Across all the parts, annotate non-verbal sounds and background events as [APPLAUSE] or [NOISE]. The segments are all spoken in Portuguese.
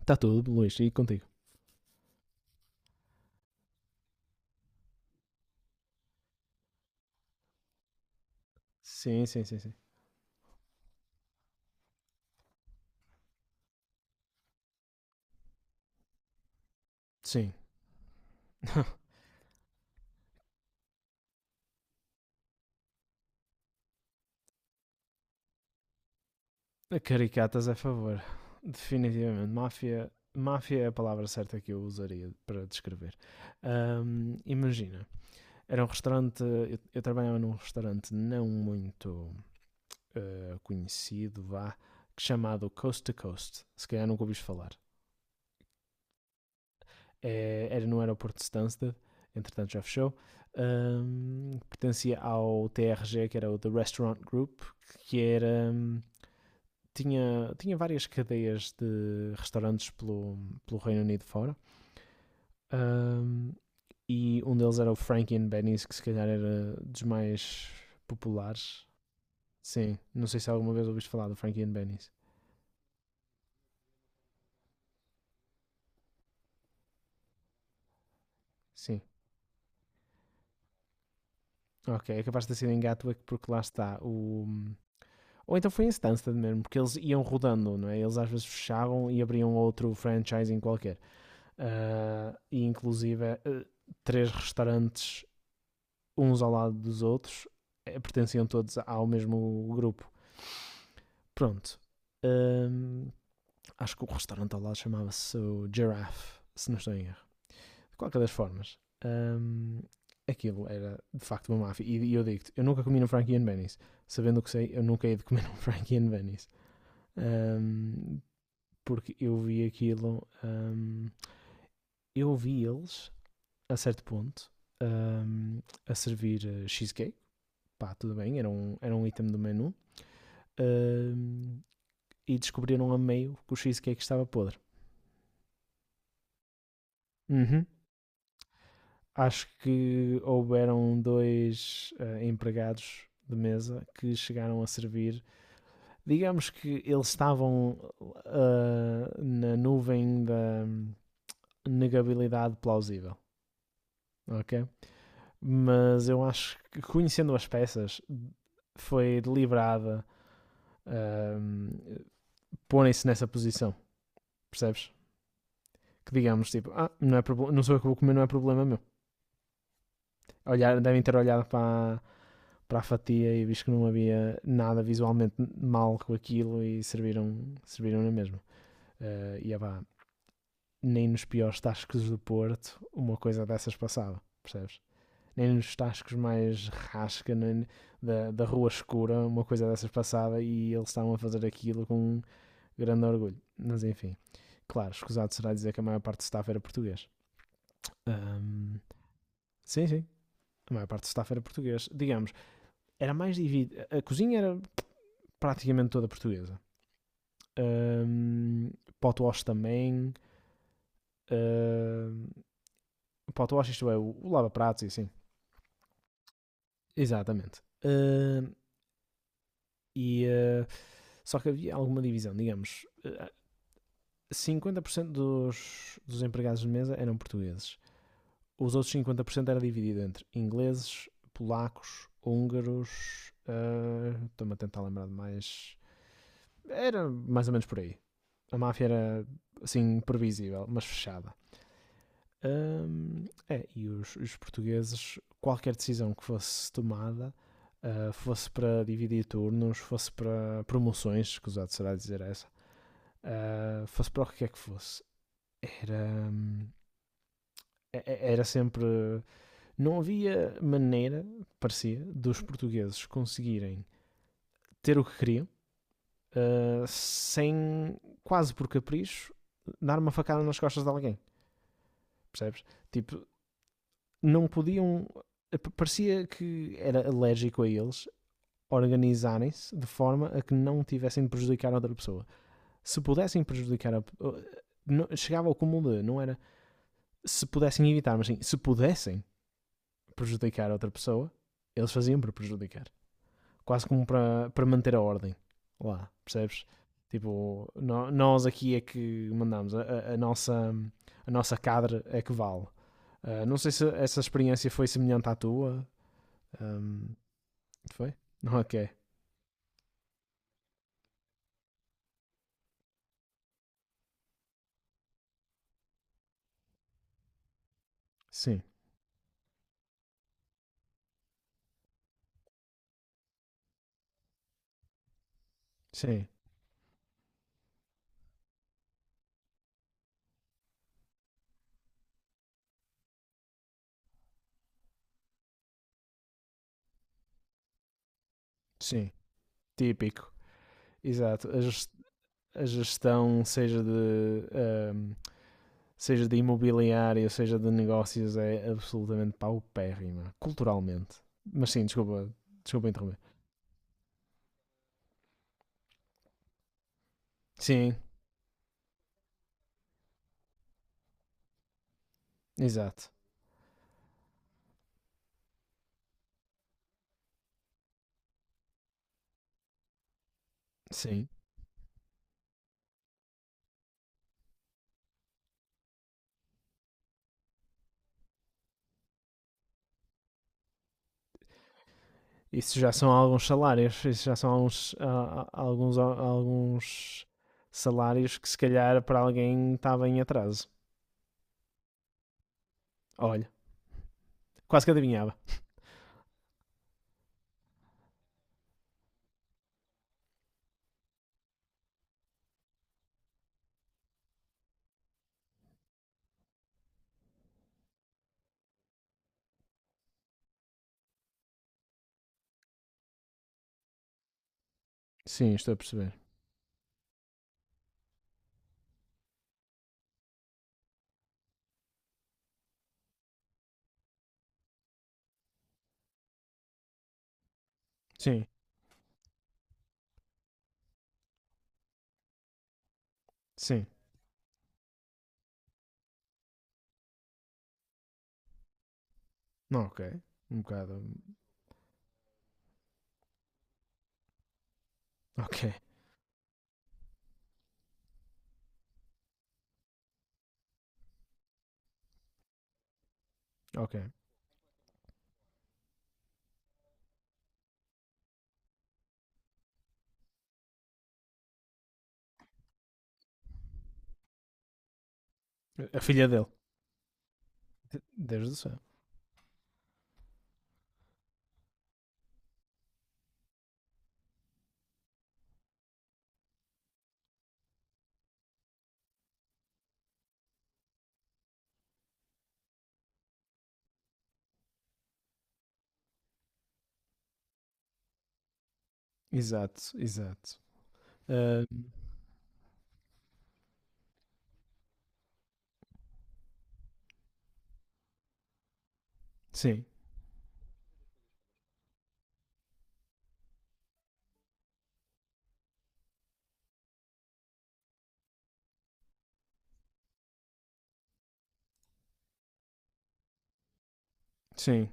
Está tudo, Luís, e contigo? Sim, sim, sim, sim. Sim. Caricatas é a favor. Definitivamente. Máfia, máfia é a palavra certa que eu usaria para descrever. Imagina, era um restaurante. Eu trabalhava num restaurante não muito conhecido, vá, chamado Coast to Coast. Se calhar nunca ouviste falar. Era no aeroporto de Stansted, entretanto já fechou. Pertencia ao TRG, que era o The Restaurant Group, que era. Tinha várias cadeias de restaurantes pelo, pelo Reino Unido fora. Ahm, e um deles era o Frankie and Benny's, que se calhar era dos mais populares. Sim, não sei se alguma vez ouviste falar do Frankie and Benny's. Sim, ok, é capaz de ter sido em Gatwick porque lá está o. Ou então foi em Stansted mesmo, porque eles iam rodando, não é? Eles às vezes fechavam e abriam outro franchising qualquer. E inclusive três restaurantes uns ao lado dos outros, pertenciam todos ao mesmo grupo. Pronto. Hum, Acho que o restaurante ao lado chamava-se o Giraffe, se não estou em erro. De qualquer das formas, hum, aquilo era de facto uma máfia. E eu digo-te, eu nunca comi no Frankie and Benny's. Sabendo o que sei, eu nunca hei de comer no [LAUGHS] Frankie and Benny's. Hum, Porque eu vi aquilo, eu vi eles, a certo ponto, hum, a servir cheesecake. Pá, tudo bem, era um item do menu. ahm, e descobriram a meio que o cheesecake estava podre. Uhum. Acho que houveram dois empregados de mesa que chegaram a servir. Digamos que eles estavam na nuvem da negabilidade plausível, ok? Mas eu acho que, conhecendo as peças, foi deliberada ahm, porem-se nessa posição, percebes? Que digamos, tipo, não, não sou eu que vou comer, não é problema meu. Devem ter olhado para, para a fatia e visto que não havia nada visualmente mal com aquilo e serviram na mesma. E é pá, nem nos piores tascos do Porto uma coisa dessas passava, percebes? Nem nos tascos mais rasca nem, da, da rua escura uma coisa dessas passava e eles estavam a fazer aquilo com grande orgulho. Mas enfim, claro, escusado será dizer que a maior parte do staff era português. Ahm, sim, sim, a maior parte do staff era português. Digamos, era mais dividida. A cozinha era praticamente toda portuguesa. Um, Potwash também. Um, Potwash, isto é, lava-pratos e assim. Exatamente. E, só que havia alguma divisão, digamos. ah, 50% dos, dos empregados de mesa eram portugueses. Os outros 50% era dividido entre ingleses, polacos, húngaros. Estou-me a tentar lembrar de mais. Era mais ou menos por aí. A máfia era assim previsível, mas fechada. É, e os portugueses, qualquer decisão que fosse tomada, fosse para dividir turnos, fosse para promoções, escusado será dizer essa, fosse para o que é que fosse, era, hum, é- era sempre. Não havia maneira, parecia, dos portugueses conseguirem ter o que queriam sem, quase por capricho, dar uma facada nas costas de alguém, percebes? Tipo, não podiam. Parecia que era alérgico a eles organizarem-se de forma a que não tivessem de prejudicar outra pessoa. Se pudessem prejudicar a. Chegava ao cúmulo de. Não era se pudessem evitar, mas sim se pudessem prejudicar outra pessoa, eles faziam para prejudicar. Quase como para, para manter a ordem lá, percebes? Tipo, nós aqui é que mandamos, a nossa cadre é que vale. Não sei se essa experiência foi semelhante à tua. Ahm, Foi? Ok. Sim, sim, sim. Típico. Exato. A gestão, seja de imobiliário, seja de negócios, é absolutamente paupérrima. Culturalmente. Mas sim, desculpa, desculpa interromper. Sim, exato. Sim. Isso já são alguns salários. Isso já são alguns, a- alguns, alguns salários que, se calhar, para alguém estava em atraso. Olha, quase que adivinhava. Sim, estou a perceber. Sim, sim. Não, ok. Um bocado. [LAUGHS] Ok, ok. A filha dele. Deus do céu. Exato, exato. Ah, sim, sim.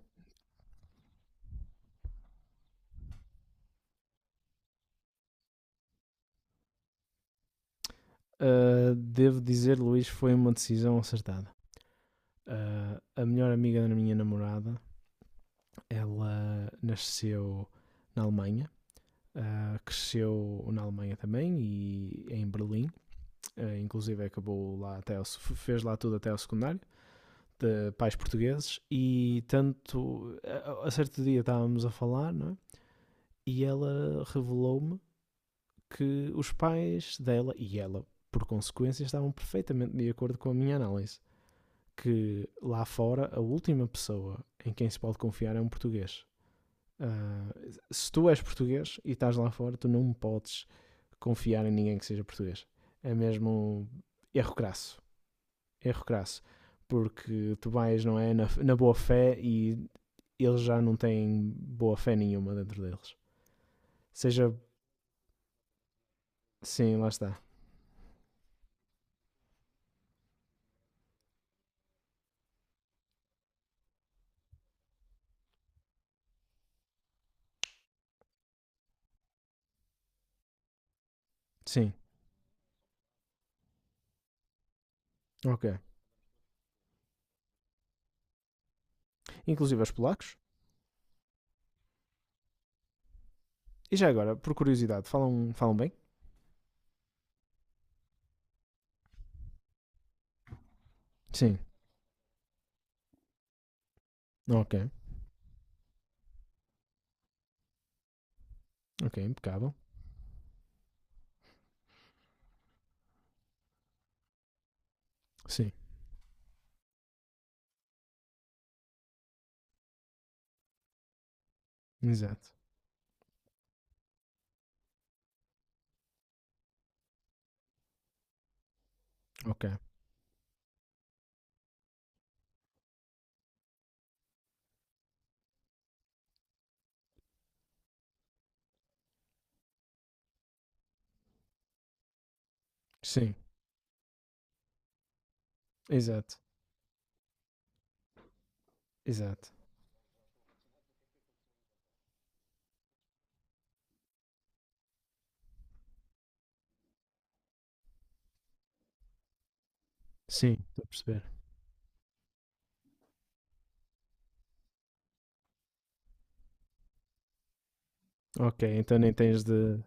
Devo dizer, Luís, foi uma decisão acertada. A melhor amiga da minha namorada, ela nasceu na Alemanha, cresceu na Alemanha também e em Berlim. Inclusive acabou lá até ao, Fez lá tudo até ao secundário de pais portugueses e tanto a certo dia estávamos a falar, não é? E ela revelou-me que os pais dela e ela, por consequência, estavam perfeitamente de acordo com a minha análise. Que lá fora a última pessoa em quem se pode confiar é um português. Ah, Se tu és português e estás lá fora, tu não podes confiar em ninguém que seja português. É mesmo erro crasso. Erro crasso. Porque tu vais, não é? Na, na boa fé e eles já não têm boa fé nenhuma dentro deles. Seja. Sim, lá está. Sim. Ok. Inclusive aos polacos. E já agora, por curiosidade, falam bem? Sim. Ok. Ok, impecável. Sim. Exato. Ok. Sim. Exato. Exato. Sim. Estou a perceber. Ok, então nem tens de.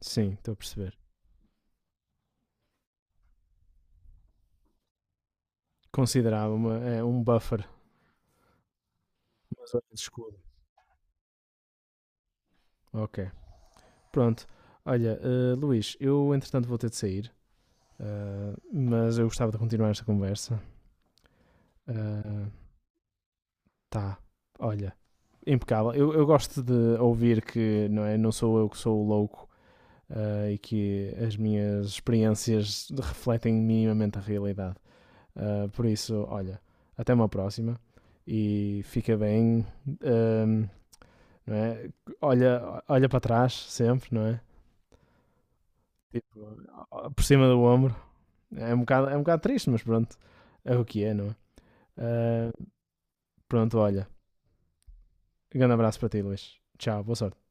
Sim, estou a perceber. Considerava um buffer. Uma zona de escudo. Ok. Pronto. Olha, Luís, eu entretanto vou ter de sair, mas eu gostava de continuar esta conversa. Eh, tá. Olha, impecável. Eu gosto de ouvir que não sou eu que sou o louco e que as minhas experiências refletem minimamente a realidade. Por isso, olha, até uma próxima e fica bem. ahm, não é? Olha, olha para trás sempre, não é? Tipo, por cima do ombro. É um bocado triste, mas pronto. É o que é, não é? Ah, Pronto, olha. Um grande abraço para ti, Luís. Tchau, boa sorte.